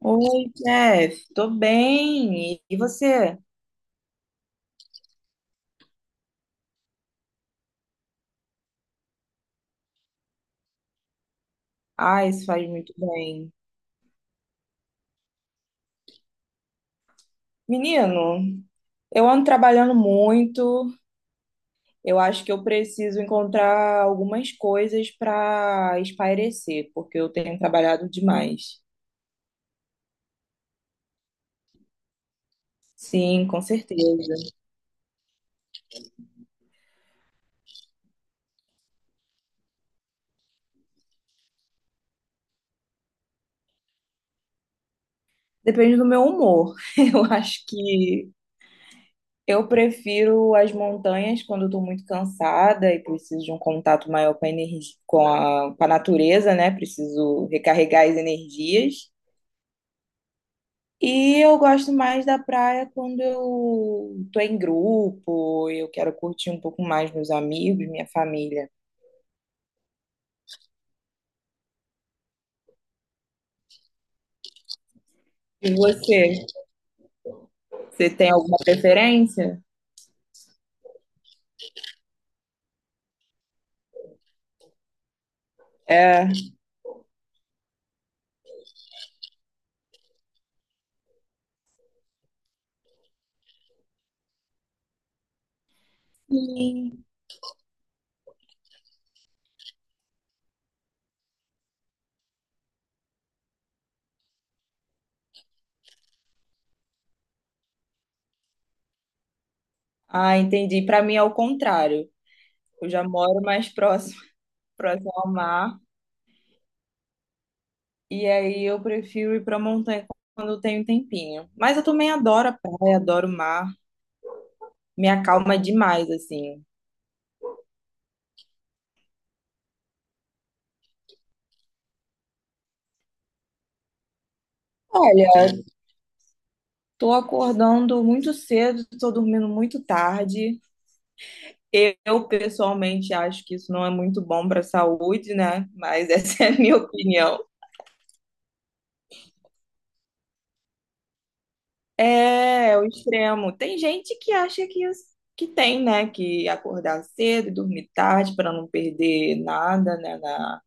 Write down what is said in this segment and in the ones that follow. Oi, Jeff, tô bem. E você? Ah, isso faz muito bem. Menino, eu ando trabalhando muito. Eu acho que eu preciso encontrar algumas coisas para espairecer, porque eu tenho trabalhado demais. Sim, com certeza. Depende do meu humor. Eu acho que eu prefiro as montanhas quando eu tô muito cansada e preciso de um contato maior com a energia, com a natureza, né? Preciso recarregar as energias. E eu gosto mais da praia quando eu tô em grupo, eu quero curtir um pouco mais meus amigos, minha família. E você? Você tem alguma preferência? É. Sim. Ah, entendi. Para mim é o contrário. Eu já moro mais próximo, próximo ao mar, e aí eu prefiro ir pra montanha quando eu tenho um tempinho. Mas eu também adoro a praia, adoro o mar. Me acalma demais, assim. Olha, tô acordando muito cedo, tô dormindo muito tarde. Eu pessoalmente acho que isso não é muito bom para a saúde, né? Mas essa é a minha opinião. É, é o extremo. Tem gente que acha que, que tem, né? Que acordar cedo, e dormir tarde para não perder nada, né?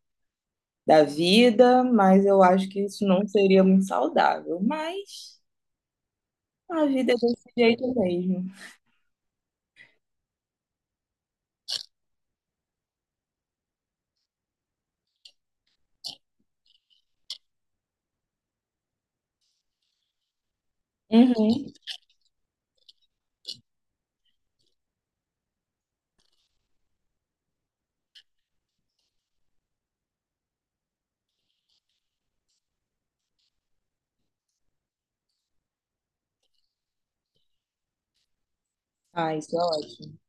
da vida, mas eu acho que isso não seria muito saudável. Mas a vida é desse jeito mesmo. Uhum. Ah, isso é ótimo.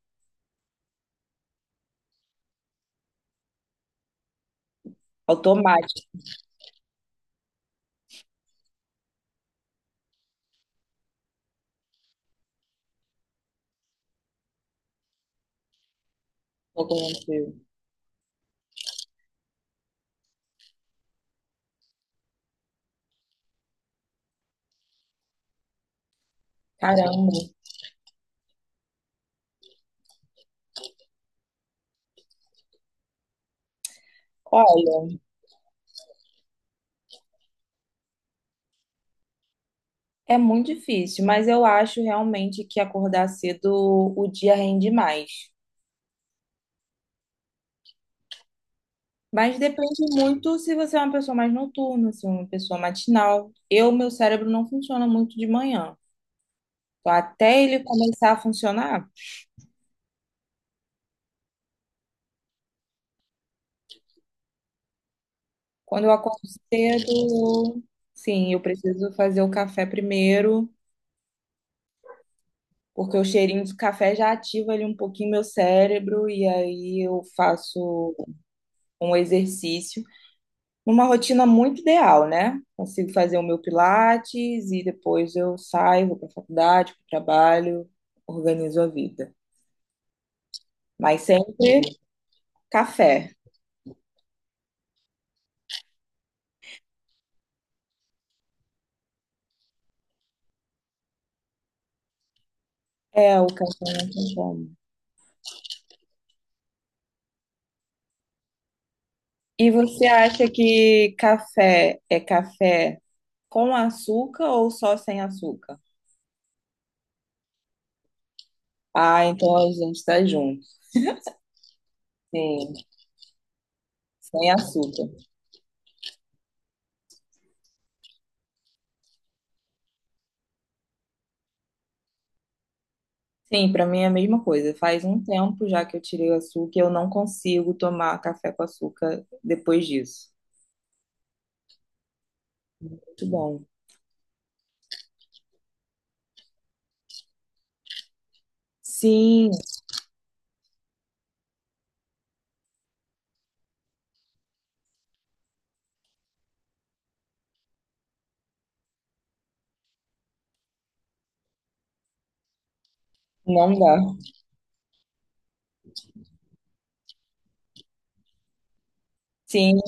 Automático aconteceu. Caramba. Olha. É muito difícil, mas eu acho realmente que acordar cedo o dia rende mais. Mas depende muito se você é uma pessoa mais noturna, se é uma pessoa matinal. Eu, meu cérebro não funciona muito de manhã. Então, até ele começar a funcionar, quando eu acordo cedo, sim, eu preciso fazer o café primeiro, porque o cheirinho do café já ativa ali um pouquinho meu cérebro, e aí eu faço um exercício numa rotina muito ideal, né? Consigo fazer o meu pilates e depois eu saio, vou para a faculdade, para o trabalho, organizo a vida. Mas sempre café. É, o café não tem como. E você acha que café é café com açúcar ou só sem açúcar? Ah, então a gente está junto. Sim, sem açúcar. Sim, para mim é a mesma coisa. Faz um tempo já que eu tirei o açúcar e eu não consigo tomar café com açúcar depois disso. Muito bom. Sim, não dá. Sim,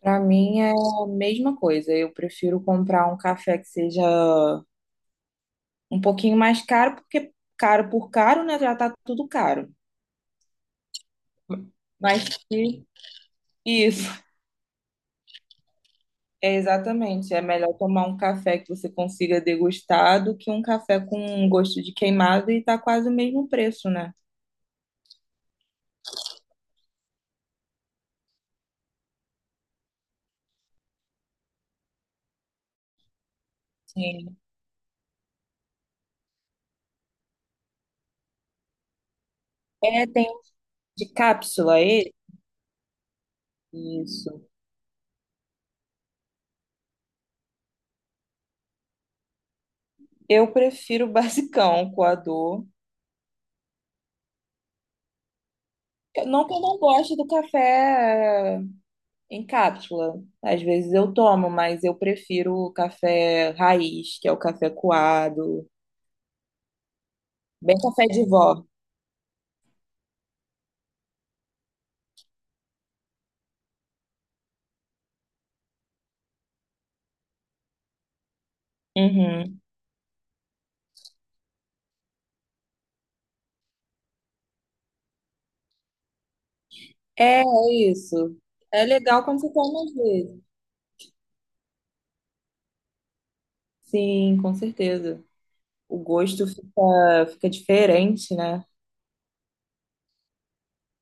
pra mim é a mesma coisa. Eu prefiro comprar um café que seja um pouquinho mais caro, porque caro por caro, né? Já tá tudo caro. Mas que- isso, é exatamente. É melhor tomar um café que você consiga degustar do que um café com um gosto de queimado e tá quase o mesmo preço, né? Sim. É, tem um de cápsula esse? Isso. Eu prefiro o basicão, o coador. Não que eu não goste do café em cápsula. Às vezes eu tomo, mas eu prefiro o café raiz, que é o café coado, bem café de vó. Uhum. É, é isso. É legal quando você toma às vezes. Sim, com certeza. O gosto fica, fica diferente, né?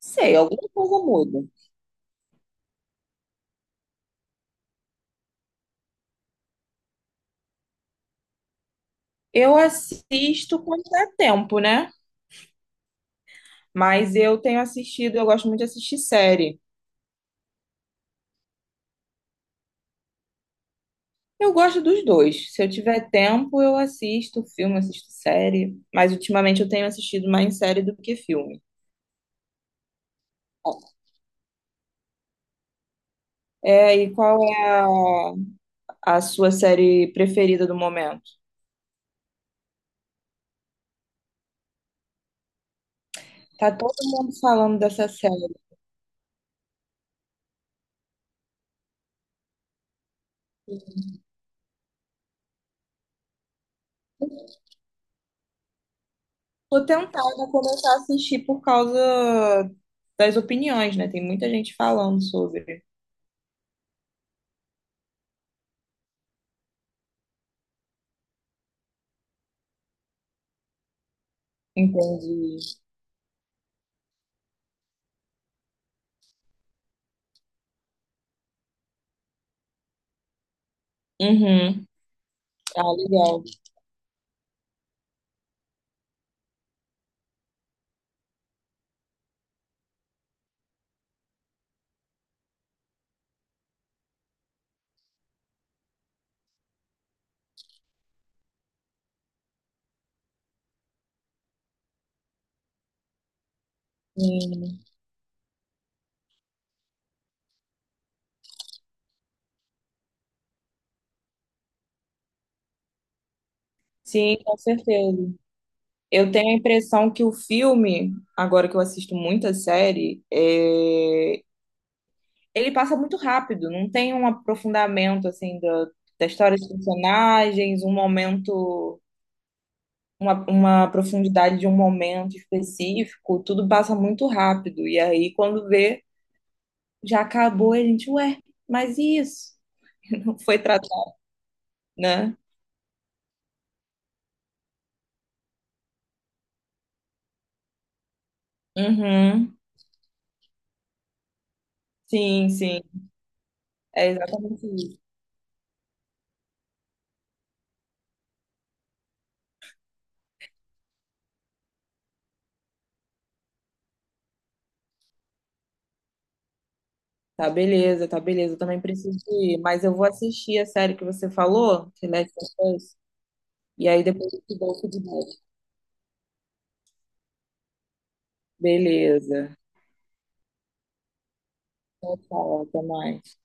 Sei, alguma coisa muda. Eu assisto quando dá tempo, né? Mas eu tenho assistido, eu gosto muito de assistir série. Eu gosto dos dois. Se eu tiver tempo, eu assisto filme, assisto série. Mas ultimamente eu tenho assistido mais série do que filme. É, e qual é a sua série preferida do momento? Tá todo mundo falando dessa série. Tô tentada a começar a assistir por causa das opiniões, né? Tem muita gente falando sobre. Entendi. Uhum. Ah, legal. Sim, Sim, com certeza. Eu tenho a impressão que o filme, agora que eu assisto muita série, é, ele passa muito rápido, não tem um aprofundamento assim da, da história dos personagens, um momento, uma profundidade de um momento específico, tudo passa muito rápido. E aí, quando vê, já acabou, e a gente, ué, mas e isso? Foi tratado, né? Uhum. Sim, é exatamente. Tá beleza, tá beleza. Eu também preciso ir, mas eu vou assistir a série que você falou, The Last of Us, e aí depois eu te dou o feedback. Beleza. Tchau, até mais.